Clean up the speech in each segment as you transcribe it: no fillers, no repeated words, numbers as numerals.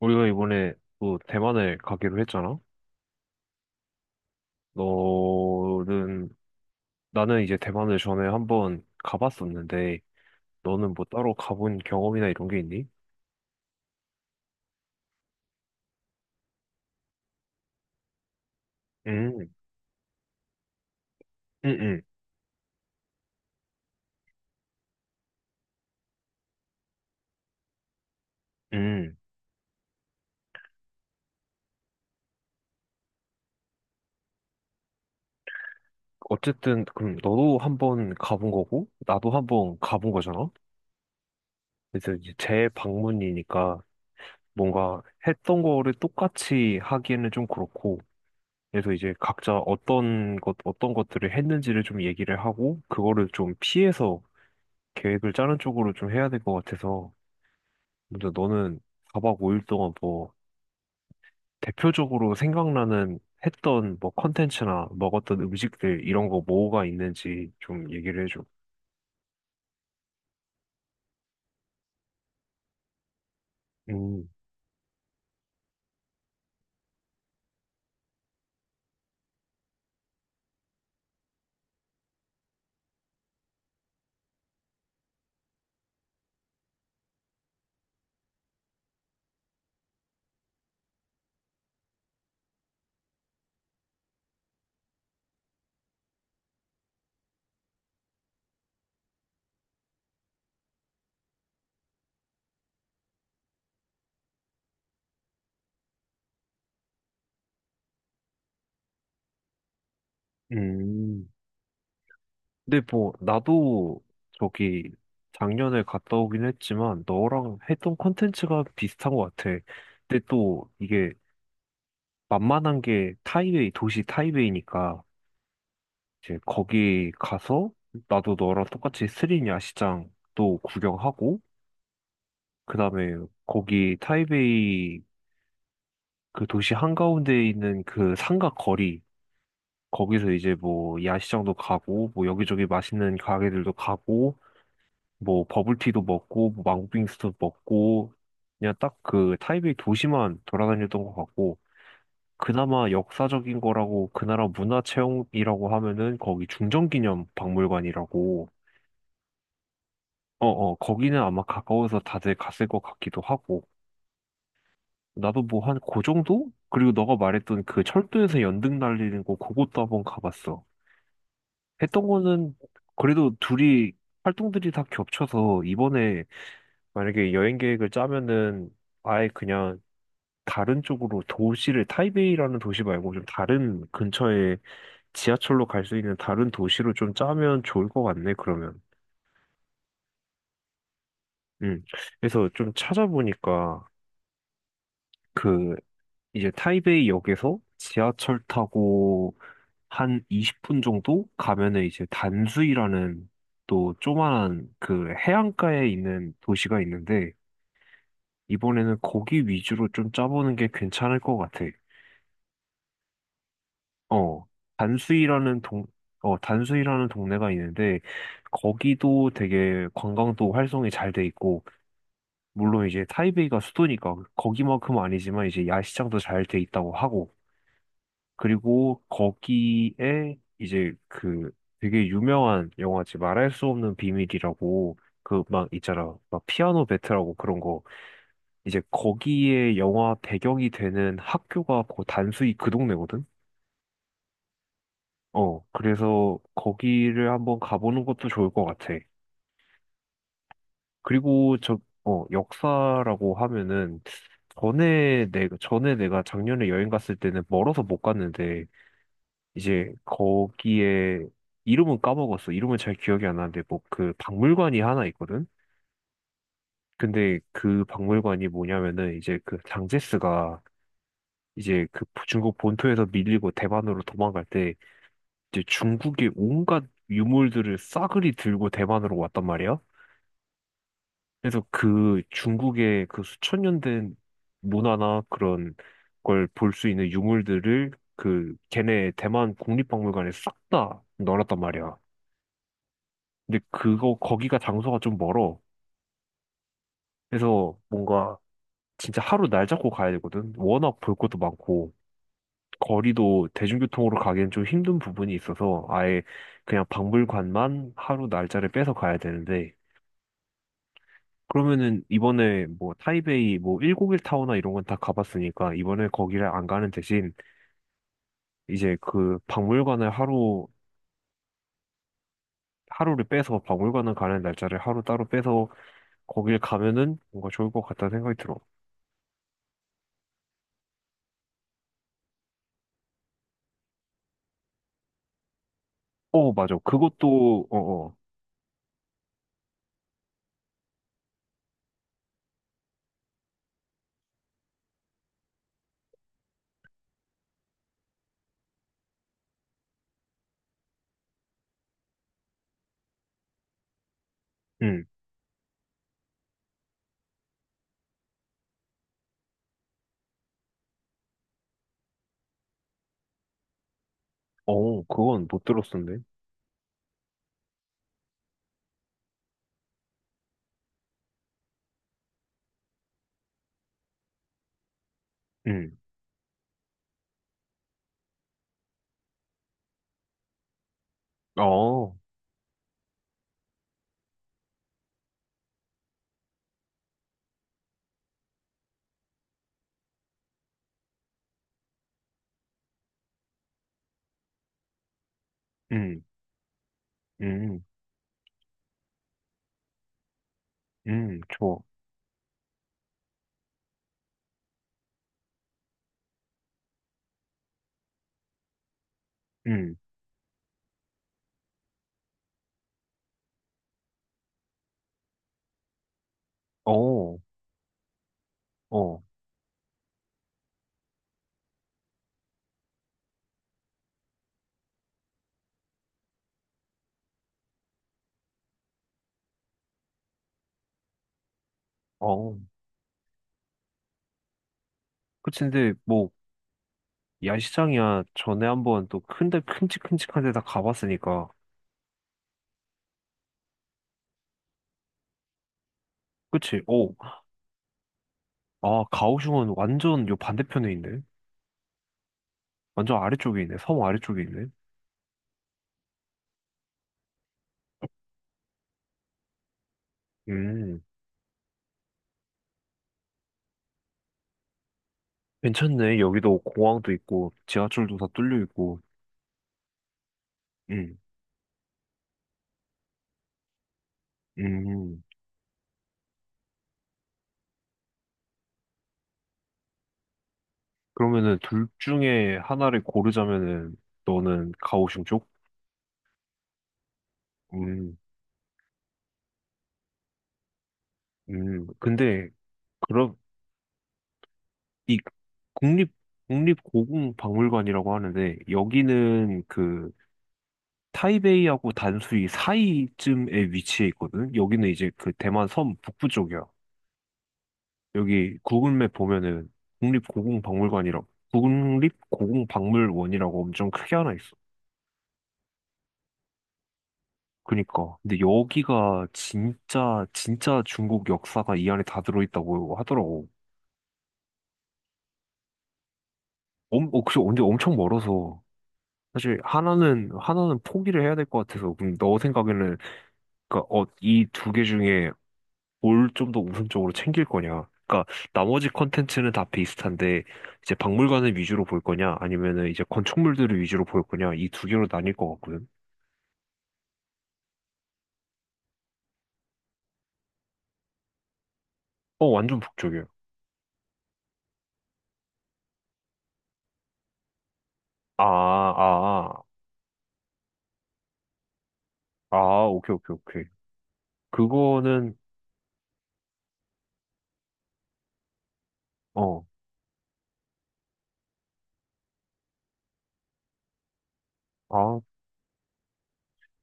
우리가 이번에 또 대만을 가기로 했잖아? 너는, 나는 이제 대만을 전에 한번 가봤었는데, 너는 뭐 따로 가본 경험이나 이런 게 있니? 음, 음, 음, 음. 어쨌든, 그럼 너도 한번 가본 거고, 나도 한번 가본 거잖아? 그래서 이제 재방문이니까 뭔가 했던 거를 똑같이 하기에는 좀 그렇고, 그래서 이제 각자 어떤 것, 어떤 것들을 했는지를 좀 얘기를 하고, 그거를 좀 피해서 계획을 짜는 쪽으로 좀 해야 될 것 같아서 먼저 너는 사박 5일 동안 뭐 대표적으로 생각나는 했던 뭐 컨텐츠나 먹었던 음식들 이런 거 뭐가 있는지 좀 얘기를 해줘. 음, 음. 근데 뭐 나도 저기 작년에 갔다 오긴 했지만 너랑 했던 컨텐츠가 비슷한 것 같아. 근데 또 이게 만만한 게 타이웨이, 도시 타이웨이니까 이제 거기 가서 나도 너랑 똑같이 스리냐 시장도 구경하고 그다음에 거기 타이베이 그 도시 한가운데에 있는 그 상가 거리 거기서 이제 뭐 야시장도 가고 뭐 여기저기 맛있는 가게들도 가고 뭐 버블티도 먹고 뭐 망고빙수도 먹고 그냥 딱 그 타이베이 도시만 돌아다녔던 것 같고 그나마 역사적인 거라고 그 나라 문화 체험이라고 하면은 거기 중정기념 박물관이라고. 어, 어, 거기는 아마 가까워서 다들 갔을 것 같기도 하고. 나도 뭐 한 그 정도? 그리고 너가 말했던 그 철도에서 연등 날리는 거, 그것도 한번 가봤어. 했던 거는 그래도 둘이, 활동들이 다 겹쳐서 이번에 만약에 여행 계획을 짜면은 아예 그냥 다른 쪽으로 도시를, 타이베이라는 도시 말고 좀 다른 근처에 지하철로 갈 수 있는 다른 도시로 좀 짜면 좋을 것 같네, 그러면. 음. 그래서 좀 찾아보니까 그 이제 타이베이 역에서 지하철 타고 한 20분 정도 가면은 이제 단수이라는 또 조만한 그 해안가에 있는 도시가 있는데 이번에는 거기 위주로 좀 짜보는 게 괜찮을 것 같아. 어, 단수이라는 동, 단수이라는 동네가 있는데 거기도 되게 관광도 활성이 잘 돼 있고 물론 이제 타이베이가 수도니까 거기만큼 아니지만 이제 야시장도 잘 돼 있다고 하고 그리고 거기에 이제 그 되게 유명한 영화지 말할 수 없는 비밀이라고 그 막 있잖아 막 피아노 배트라고 그런 거 이제 거기에 영화 배경이 되는 학교가 그 단수이 그 동네거든. 그래서 거기를 한번 가보는 것도 좋을 것 같아. 그리고 역사라고 하면은 전에 내가 작년에 여행 갔을 때는 멀어서 못 갔는데 이제 거기에 이름은 까먹었어. 이름은 잘 기억이 안 나는데 뭐 그 박물관이 하나 있거든. 근데 그 박물관이 뭐냐면은 이제 그 장제스가 이제 그 중국 본토에서 밀리고 대만으로 도망갈 때 이제 중국의 온갖 유물들을 싸그리 들고 대만으로 왔단 말이야. 그래서 그 중국의 그 수천 년 된 문화나 그런 걸 볼 수 있는 유물들을 그 걔네 대만 국립박물관에 싹 다 넣어놨단 말이야. 근데 그거 거기가 장소가 좀 멀어. 그래서 뭔가 진짜 하루 날 잡고 가야 되거든. 워낙 볼 것도 많고 거리도 대중교통으로 가기엔 좀 힘든 부분이 있어서 아예 그냥 박물관만 하루 날짜를 빼서 가야 되는데 그러면은 이번에 뭐 타이베이 뭐 1 0일 타워나 이런 건 다 가봤으니까 이번에 거기를 안 가는 대신 이제 그 박물관을 하루를 빼서 박물관을 가는 날짜를 하루 따로 빼서 거길 가면은 뭔가 좋을 것 같다는 생각이 들어. 어, 맞아. 그것도, 어, 어. 음, 어, 그건 못 들었었는데. 음, 어, 음, 음, 좋아. 음. 어, 어, 어. 그치, 근데 뭐, 야시장이야. 전에 한번 또 큰데, 큼직큼직한 데다 가봤으니까. 그치, 오. 아, 가오슝은 완전 요 반대편에 있네. 완전 아래쪽에 있네. 섬 아래쪽에 있네. 음, 괜찮네. 여기도 공항도 있고, 지하철도 다 뚫려 있고. 음, 음. 그러면은 둘 중에 하나를 고르자면은 너는 가오슝 쪽? 음, 근데 그럼 이 국립 국립 고궁 박물관이라고 하는데 여기는 그 타이베이하고 단수이 사이쯤에 위치해 있거든. 여기는 이제 그 대만 섬 북부 쪽이야. 여기 구글맵 보면은 국립 고궁 박물관이라고 국립 고궁 박물원이라고 엄청 크게 하나 있어. 그니까. 근데 여기가 진짜, 진짜 중국 역사가 이 안에 다 들어있다고 하더라고. 엄, 어, 그래서 언제 엄청 멀어서. 사실 하나는 포기를 해야 될 것 같아서. 그럼 너 생각에는, 그니까, 어, 이 두 개 중에 뭘 좀 더 우선적으로 챙길 거냐? 그니까, 나머지 컨텐츠는 다 비슷한데, 이제 박물관을 위주로 볼 거냐? 아니면은 이제 건축물들을 위주로 볼 거냐? 이 두 개로 나뉠 것 같거든. 어, 완전 북쪽이야. 아, 아, 아, 아, 오케이, 오케이, 오케이. 그거는, 어. 아,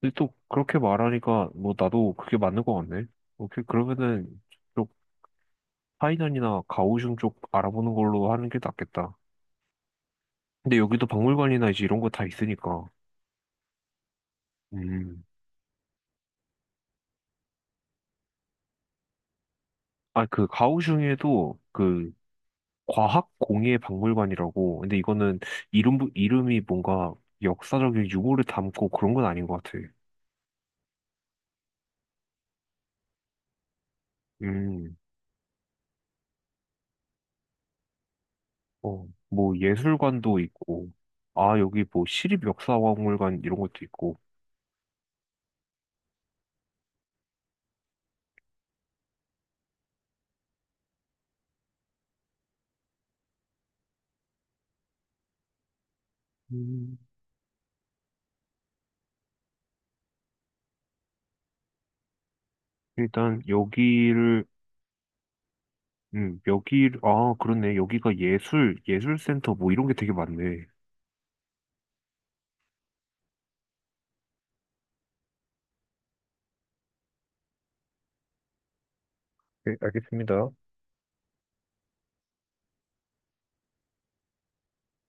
근데 또 그렇게 말하니까 뭐 나도 그게 맞는 것 같네. 오케이, 그러면은 쪽 파이난이나 가오슝 쪽 알아보는 걸로 하는 게 낫겠다. 근데 여기도 박물관이나 이제 이런 거 다 있으니까. 음, 아, 그 가오슝에도 그 과학공예 박물관이라고. 근데 이거는 이름이 뭔가 역사적인 유물을 담고 그런 건 아닌 것 같아. 음, 어, 뭐 예술관도 있고, 아, 여기 뭐 시립 역사 박물관 이런 것도 있고. 음, 일단 여기를 여기, 아, 그렇네. 여기가 예술, 예술센터 뭐 이런 게 되게 많네. 네, 알겠습니다.